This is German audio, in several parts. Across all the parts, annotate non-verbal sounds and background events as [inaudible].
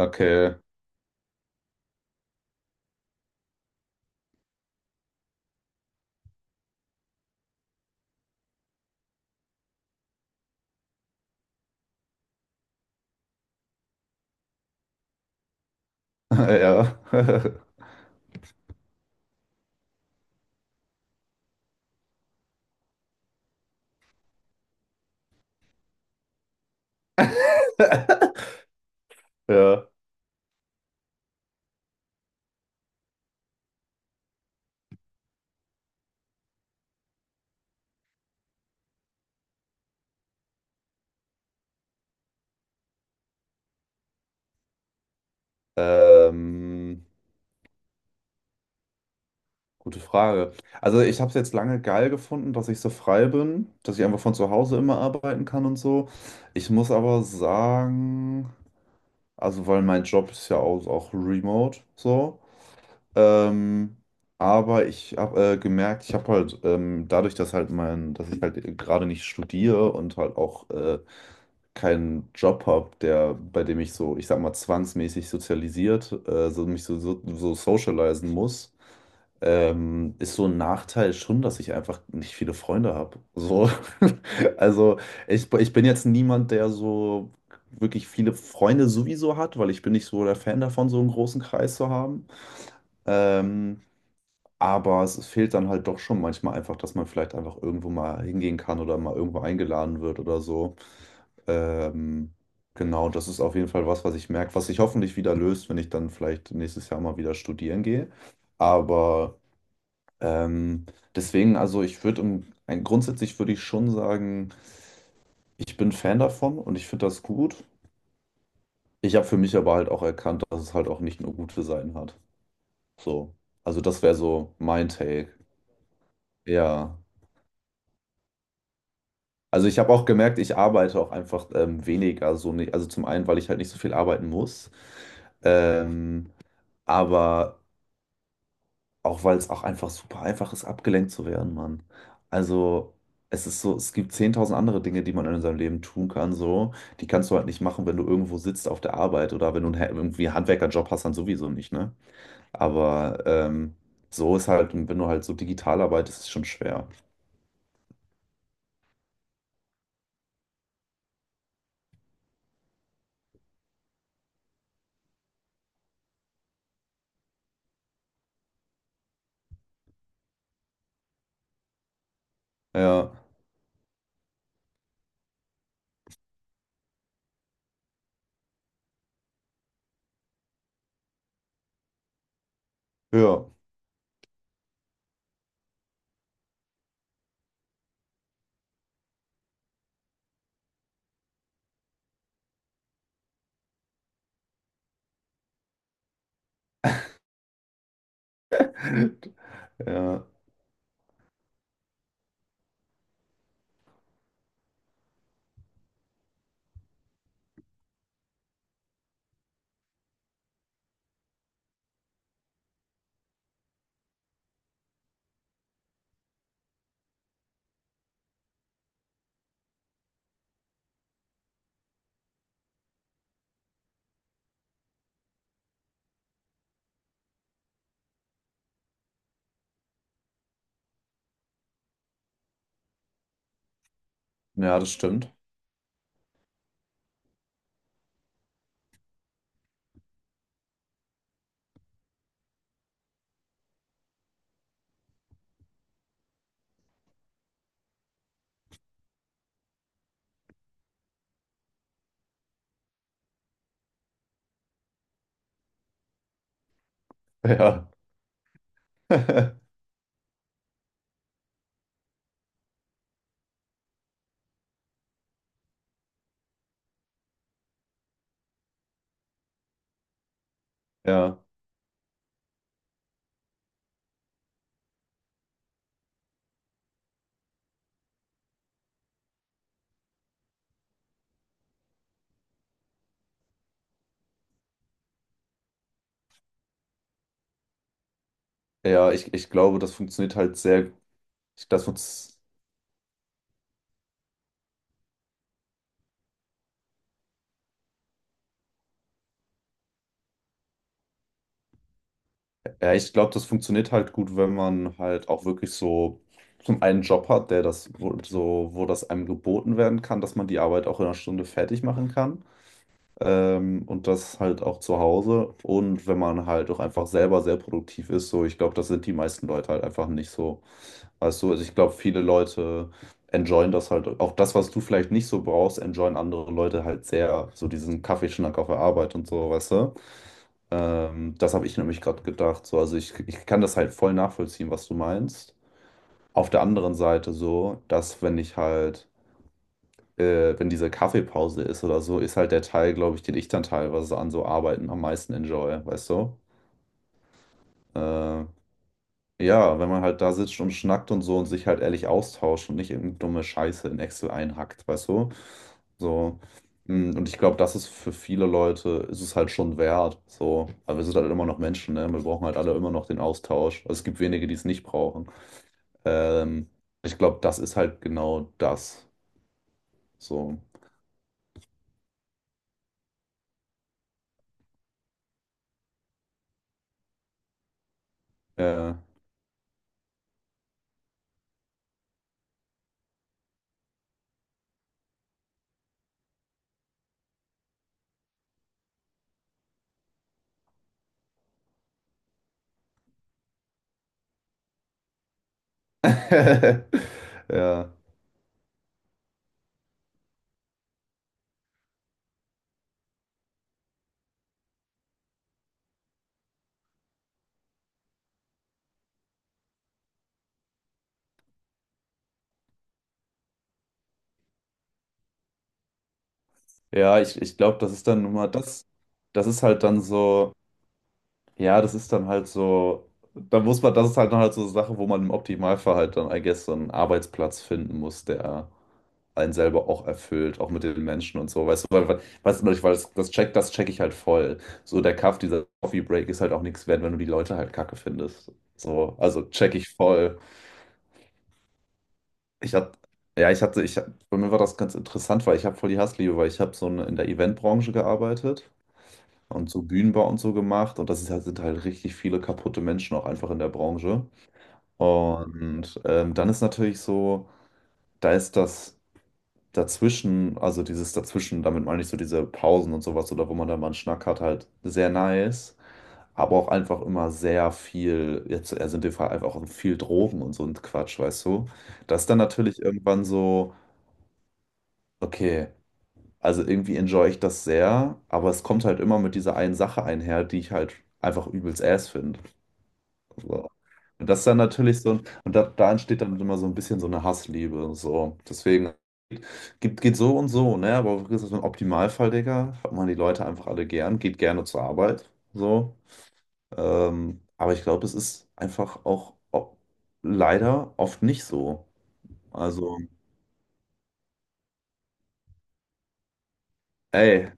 Okay. [laughs] Ja. [laughs] Ja. Ähm, gute Frage. Also ich habe es jetzt lange geil gefunden, dass ich so frei bin, dass ich einfach von zu Hause immer arbeiten kann und so. Ich muss aber sagen, also weil mein Job ist ja auch remote so. Ähm, aber ich habe gemerkt, ich habe halt dadurch, dass ich halt gerade nicht studiere und halt auch keinen Job habe, der, bei dem ich so, ich sag mal, zwangsmäßig sozialisiert, so mich so socialisen muss, ist so ein Nachteil schon, dass ich einfach nicht viele Freunde habe. So, [laughs] also ich bin jetzt niemand, der so wirklich viele Freunde sowieso hat, weil ich bin nicht so der Fan davon, so einen großen Kreis zu haben. Ähm, aber es fehlt dann halt doch schon manchmal einfach, dass man vielleicht einfach irgendwo mal hingehen kann oder mal irgendwo eingeladen wird oder so. Ähm, genau, das ist auf jeden Fall was, was ich merke, was sich hoffentlich wieder löst, wenn ich dann vielleicht nächstes Jahr mal wieder studieren gehe. Aber ähm, deswegen, also ich würde grundsätzlich würde ich schon sagen, ich bin Fan davon und ich finde das gut. Ich habe für mich aber halt auch erkannt, dass es halt auch nicht nur gute Seiten hat. So. Also das wäre so mein Take. Ja. Also ich habe auch gemerkt, ich arbeite auch einfach weniger so nicht. Also zum einen, weil ich halt nicht so viel arbeiten muss, ähm, aber auch weil es auch einfach super einfach ist, abgelenkt zu werden, Mann. Also es ist so, es gibt 10.000 andere Dinge, die man in seinem Leben tun kann, so. Die kannst du halt nicht machen, wenn du irgendwo sitzt auf der Arbeit oder wenn du irgendwie einen Handwerkerjob hast, dann sowieso nicht, ne? Aber so ist halt, wenn du halt so digital arbeitest, ist es schon schwer. Ja, ja, [laughs] ja, ja, das stimmt. [laughs] Ja. [laughs] Ja, ja, ich glaube, das funktioniert halt sehr, ich, das, funz- ja, ich glaube, das funktioniert halt gut, wenn man halt auch wirklich so zum einen Job hat, der das, wo, so, wo das einem geboten werden kann, dass man die Arbeit auch in einer Stunde fertig machen kann. Und das halt auch zu Hause. Und wenn man halt auch einfach selber sehr produktiv ist, so ich glaube, das sind die meisten Leute halt einfach nicht so. Weißt du, also ich glaube, viele Leute enjoyen das halt. Auch das, was du vielleicht nicht so brauchst, enjoyen andere Leute halt sehr. So diesen Kaffeeschnack auf der Arbeit und so, weißt du? Das habe ich nämlich gerade gedacht. So, also ich kann das halt voll nachvollziehen, was du meinst. Auf der anderen Seite so, dass wenn ich halt wenn diese Kaffeepause ist oder so, ist halt der Teil, glaube ich, den ich dann teilweise an so Arbeiten am meisten enjoy, weißt du? Äh, ja, wenn man halt da sitzt und schnackt und so und sich halt ehrlich austauscht und nicht irgendeine dumme Scheiße in Excel einhackt, weißt du? So. Und ich glaube, das ist für viele Leute, ist es halt schon wert. So. Aber wir sind halt immer noch Menschen, ne? Wir brauchen halt alle immer noch den Austausch. Also es gibt wenige, die es nicht brauchen. Ähm, ich glaube, das ist halt genau das. So. Äh, [laughs] Ja, ja, ich glaube, das ist dann nun mal das, das ist halt dann so, ja, das ist dann halt so, da muss man, das ist halt dann halt so eine Sache, wo man im Optimalfall halt dann, I guess, so einen Arbeitsplatz finden muss, der einen selber auch erfüllt, auch mit den Menschen und so, weißt du, weißt du, weil das check ich halt voll. So der Kaff, dieser Coffee Break ist halt auch nichts wert, wenn du die Leute halt kacke findest. So, also check ich voll. Ich hatte, ja, bei mir war das ganz interessant, weil ich habe voll die Hassliebe, weil ich habe so in der Eventbranche gearbeitet und so Bühnenbau und so gemacht und das ist halt, sind halt richtig viele kaputte Menschen auch einfach in der Branche. Und dann ist natürlich so, da ist also dieses dazwischen, damit meine ich so diese Pausen und sowas oder wo man da mal einen Schnack hat, halt sehr nice. Aber auch einfach immer sehr viel, jetzt also in dem Fall einfach auch viel Drogen und so ein Quatsch, weißt du? Das ist dann natürlich irgendwann so, okay. Also irgendwie enjoy ich das sehr, aber es kommt halt immer mit dieser einen Sache einher, die ich halt einfach übelst ass finde. So. Und das ist dann natürlich so, und da entsteht dann immer so ein bisschen so eine Hassliebe. So. Deswegen geht, geht so und so, ne? Aber das ist ein Optimalfall, Digga. Hat man die Leute einfach alle gern, geht gerne zur Arbeit. So. Aber ich glaube, es ist einfach auch leider oft nicht so. Also, ey.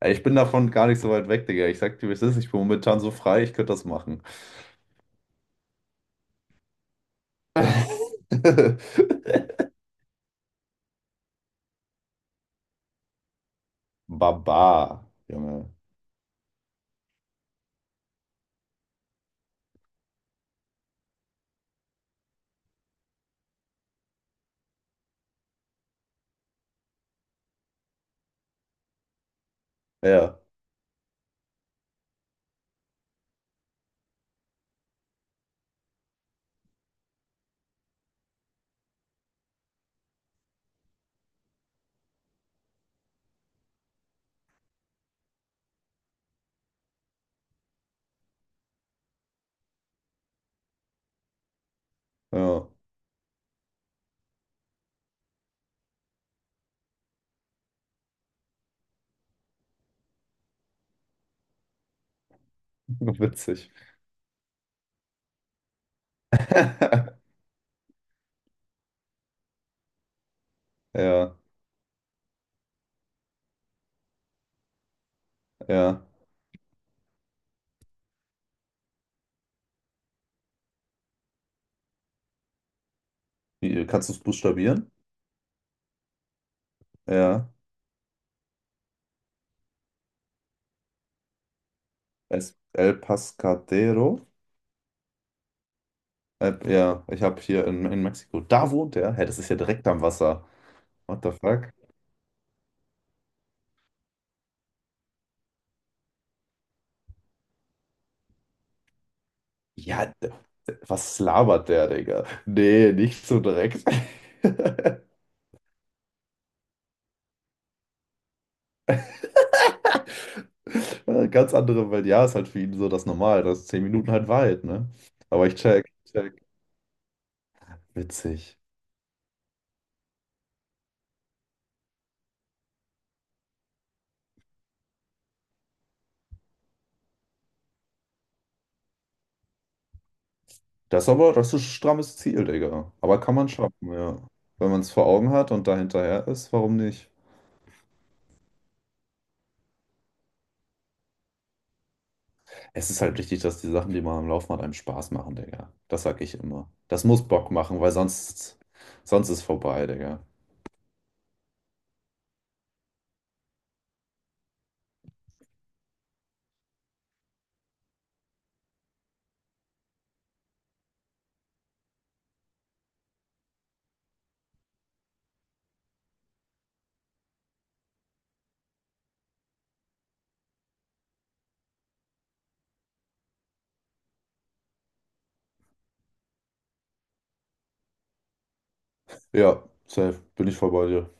Ey, ich bin davon gar nicht so weit weg, Digga. Ich sag dir, wie es ist. Ich bin momentan so frei, ich könnte das machen. [laughs] Baba, Junge. Ja, ja. Witzig. [laughs] Ja, ja. Kannst du es buchstabieren? Ja. El Pascadero. Ja, ich habe hier in Mexiko. Da wohnt er. Hä, das ist ja direkt am Wasser. What the fuck? Ja, was labert der, Digga? Nee, nicht so direkt. [laughs] Ganz andere Welt. Ja, ist halt für ihn so das Normal, dass 10 Minuten halt weit, ne? Aber ich check, check. Witzig. Das ist aber, das ist ein strammes Ziel, Digga. Aber kann man schaffen, ja. Wenn man es vor Augen hat und da hinterher ist, warum nicht? Es ist halt wichtig, dass die Sachen, die man am Laufen hat, einem Spaß machen, Digga. Das sag ich immer. Das muss Bock machen, weil sonst, sonst ist vorbei, Digga. Ja, safe, bin ich voll bei dir.